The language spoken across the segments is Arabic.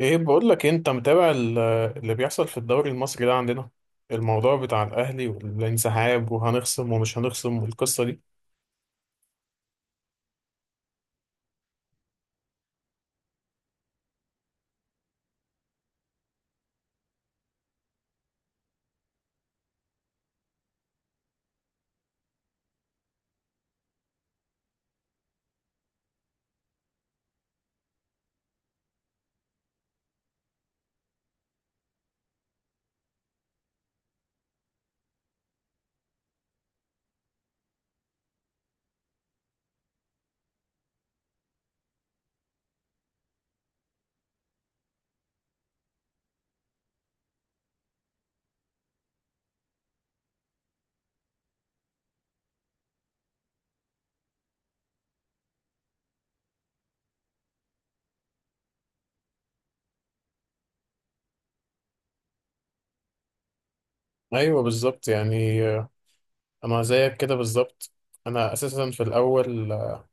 ايه بقول لك إيه، انت متابع اللي بيحصل في الدوري المصري ده عندنا. الموضوع بتاع الاهلي والانسحاب وهنخصم ومش هنخصم والقصه دي. ايوه بالظبط يعني، انا زيك كده بالظبط. انا اساسا في الاول،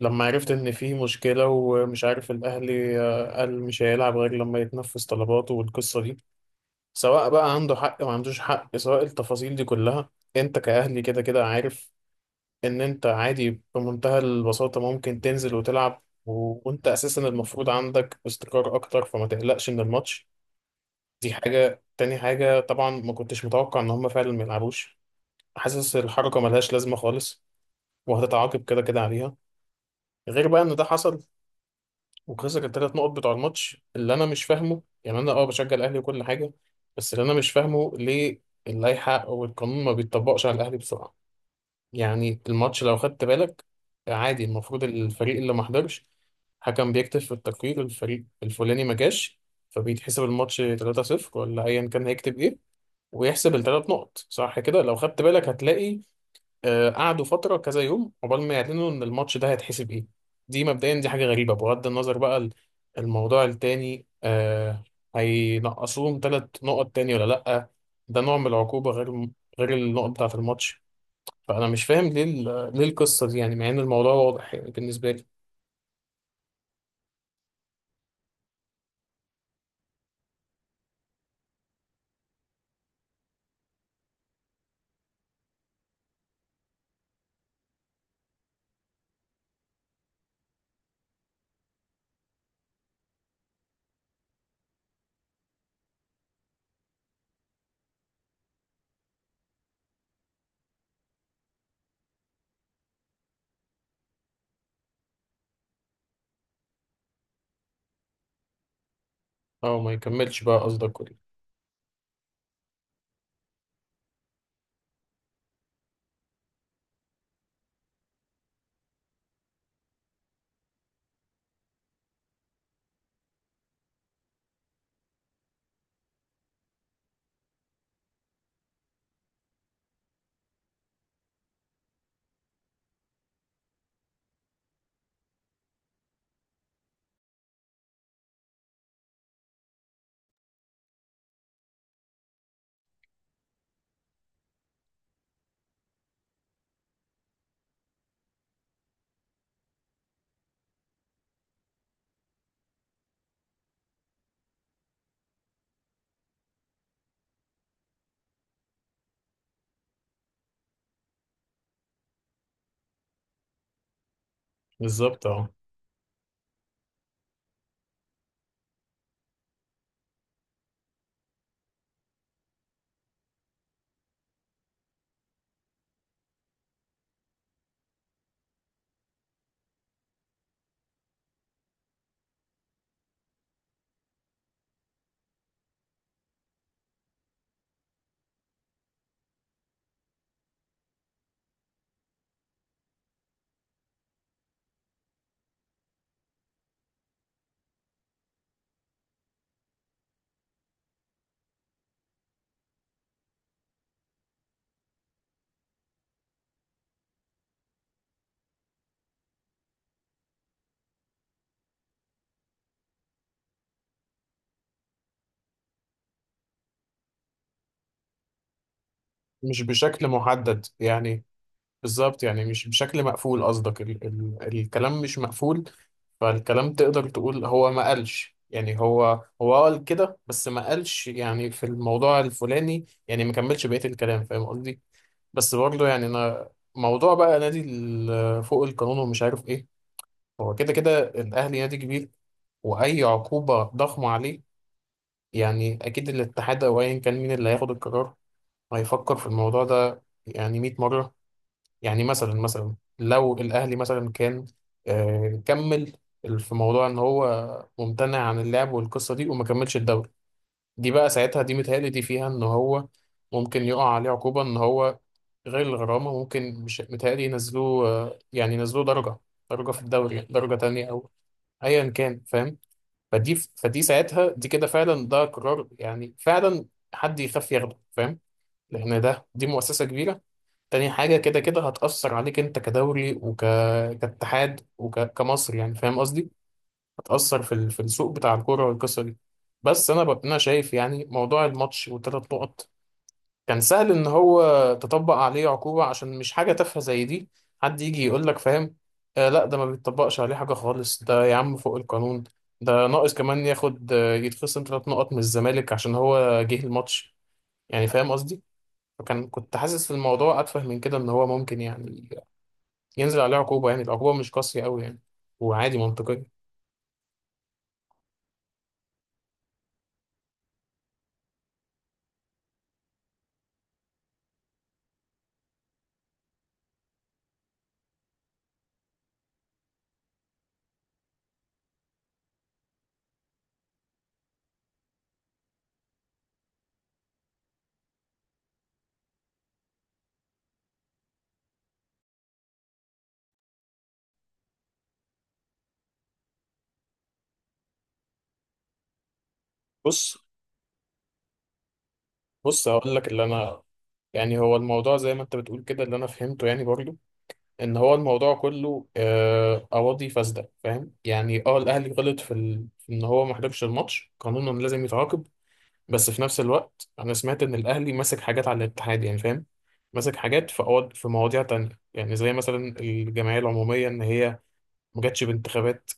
لما عرفت ان في مشكله ومش عارف الاهلي، قال مش هيلعب غير لما يتنفذ طلباته والقصه دي، سواء بقى عنده حق ما عندوش حق، سواء التفاصيل دي كلها، انت كاهلي كده كده عارف ان انت عادي بمنتهى البساطة ممكن تنزل وتلعب، وانت اساسا المفروض عندك استقرار اكتر، فما تقلقش من الماتش. دي حاجة. تاني حاجة، طبعا ما كنتش متوقع ان هم فعلا ما يلعبوش. حاسس الحركة ملهاش لازمة خالص، وهتتعاقب كده كده عليها، غير بقى ان ده حصل وخسر الثلاث نقط بتوع الماتش. اللي انا مش فاهمه يعني، انا اه بشجع الاهلي وكل حاجة، بس اللي انا مش فاهمه ليه اللائحة او القانون ما بيتطبقش على الاهلي بسرعة. يعني الماتش لو خدت بالك، عادي المفروض الفريق اللي ما حضرش، حكم بيكتب في التقرير الفريق الفلاني ما جاش، فبيتحسب الماتش 3-0 ولا ايا كان هيكتب ايه، ويحسب الثلاث نقط، صح كده. لو خدت بالك هتلاقي، قعدوا فترة كذا يوم عقبال ما يعلنوا ان الماتش ده هيتحسب ايه. دي مبدئيا دي حاجة غريبة. بغض النظر بقى الموضوع التاني، هينقصوهم ثلاث نقط تاني ولا لأ؟ ده نوع من العقوبة، غير النقط بتاعة الماتش. فانا مش فاهم ليه، ليه القصه دي يعني، مع ان الموضوع واضح يعني بالنسبه لي. اه، ما يكملش بقى قصدك، ودي بالظبط. اه، مش بشكل محدد يعني. بالظبط يعني، مش بشكل مقفول قصدك، ال ال الكلام مش مقفول، فالكلام تقدر تقول هو ما قالش يعني، هو قال كده بس ما قالش يعني في الموضوع الفلاني، يعني ما كملش بقية الكلام، فاهم قصدي. بس برضه يعني انا، موضوع بقى نادي فوق القانون ومش عارف ايه، هو كده كده الاهلي نادي كبير، واي عقوبه ضخمه عليه، يعني اكيد الاتحاد او ايا كان مين اللي هياخد القرار هيفكر في الموضوع ده يعني 100 مره. يعني مثلا، لو الاهلي مثلا كان، كمل، في موضوع ان هو ممتنع عن اللعب والقصه دي وما كملش الدوري، دي بقى ساعتها دي متهيألي دي فيها ان هو ممكن يقع عليه عقوبه، ان هو غير الغرامه، ممكن، مش متهيألي، ينزلوه يعني ينزلوه درجه، درجه في الدوري، درجه تانية او ايا كان، فاهم. فدي ساعتها دي، كده فعلا ده قرار يعني فعلا حد يخاف ياخده، فاهم، لان دي مؤسسه كبيره. تاني حاجه، كده كده هتاثر عليك انت كدوري، كاتحاد وكمصر يعني، فاهم قصدي. هتاثر في في السوق بتاع الكوره والقصه دي. بس انا انا شايف يعني، موضوع الماتش والثلاث نقط كان سهل ان هو تطبق عليه عقوبة، عشان مش حاجة تافهة زي دي حد يجي يقول لك، فاهم، لا ده ما بيتطبقش عليه حاجة خالص، ده يا عم فوق القانون. ده ناقص كمان ياخد، يتخصم ثلاث نقط من الزمالك عشان هو جه الماتش، يعني فاهم قصدي. كنت حاسس الموضوع اتفه من كده، ان هو ممكن يعني ينزل عليه عقوبة، يعني العقوبة مش قاسية قوي يعني، وعادي، منطقية. بص، بص هقول لك اللي انا، يعني هو الموضوع زي ما انت بتقول كده، اللي انا فهمته يعني برضو ان هو الموضوع كله، اراضي فاسده، فاهم يعني. اه الاهلي غلط في، في ان هو ما حضرش الماتش، قانونا لازم يتعاقب، بس في نفس الوقت انا سمعت ان الاهلي ماسك حاجات على الاتحاد يعني، فاهم، ماسك حاجات في، في مواضيع تانية يعني، زي مثلا الجمعيه العموميه ان هي ما جاتش بانتخابات،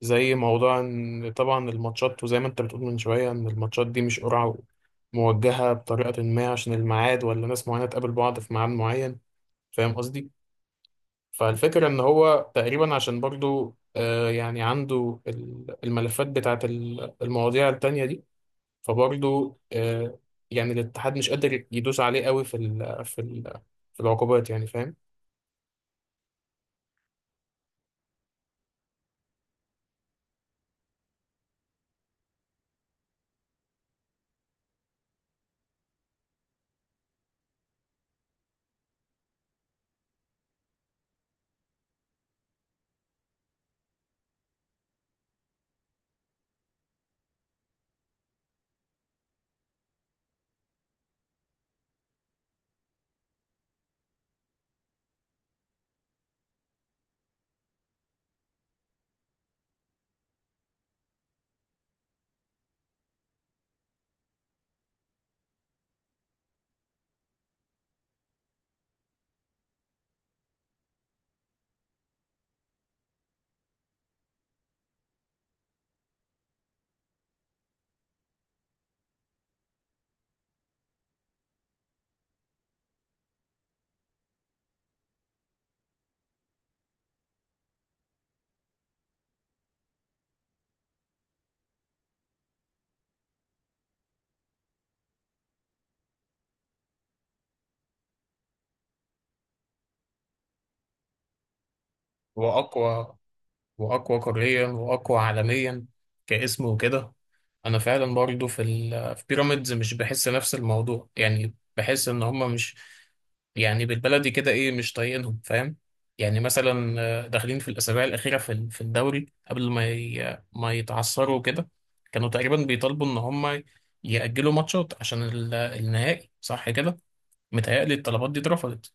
زي موضوع ان طبعا الماتشات، وزي ما انت بتقول من شويه ان الماتشات دي مش قرعه، موجهه بطريقه ما عشان الميعاد ولا ناس معينه تقابل بعض في ميعاد معين، فاهم قصدي. فالفكرة إن هو تقريبا عشان برضو، يعني عنده الملفات بتاعت المواضيع التانية دي، فبرضو، يعني الاتحاد مش قادر يدوس عليه قوي في العقوبات يعني، فاهم. هو أقوى، واقوى قاريا، واقوى عالميا كاسم وكده. انا فعلا برضو في بيراميدز مش بحس نفس الموضوع، يعني بحس ان هم مش، يعني بالبلدي كده ايه، مش طايقينهم، فاهم. يعني مثلا، داخلين في الاسابيع الاخيره في، في الدوري، قبل ما ما يتعثروا كده، كانوا تقريبا بيطالبوا ان هم يأجلوا ماتشات عشان النهائي، صح كده. متهيألي الطلبات دي اترفضت،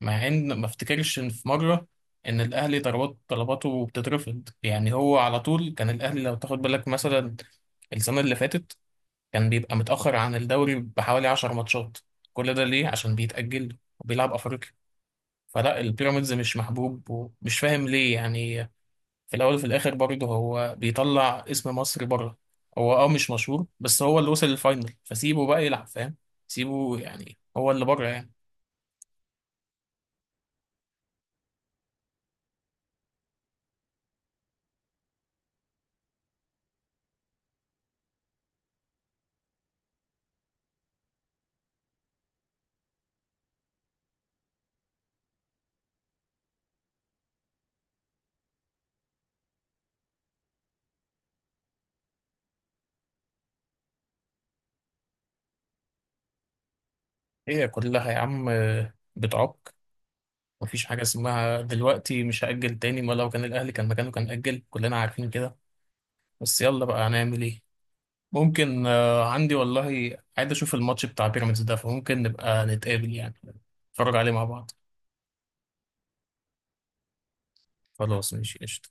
مع ان ما افتكرش ان في مره ان الاهلي طلباته بتترفض يعني. هو على طول كان الاهلي لو تاخد بالك مثلا السنه اللي فاتت، كان بيبقى متاخر عن الدوري بحوالي 10 ماتشات. كل ده ليه؟ عشان بيتاجل وبيلعب افريقيا. فلا، البيراميدز مش محبوب ومش فاهم ليه يعني، في الاول وفي الاخر برضه هو بيطلع اسم مصر بره. هو اه مش مشهور، بس هو اللي وصل للفاينل، فسيبه بقى يلعب، فاهم، سيبه يعني، هو اللي بره يعني. هي كلها يا عم بتعك، مفيش حاجة اسمها دلوقتي مش هأجل تاني، ما لو كان الأهلي كان مكانه كان أجل، كلنا عارفين كده. بس يلا بقى هنعمل إيه. ممكن، عندي والله، عايز أشوف الماتش بتاع بيراميدز ده، فممكن نبقى نتقابل يعني، نتفرج عليه مع بعض. خلاص ماشي قشطة.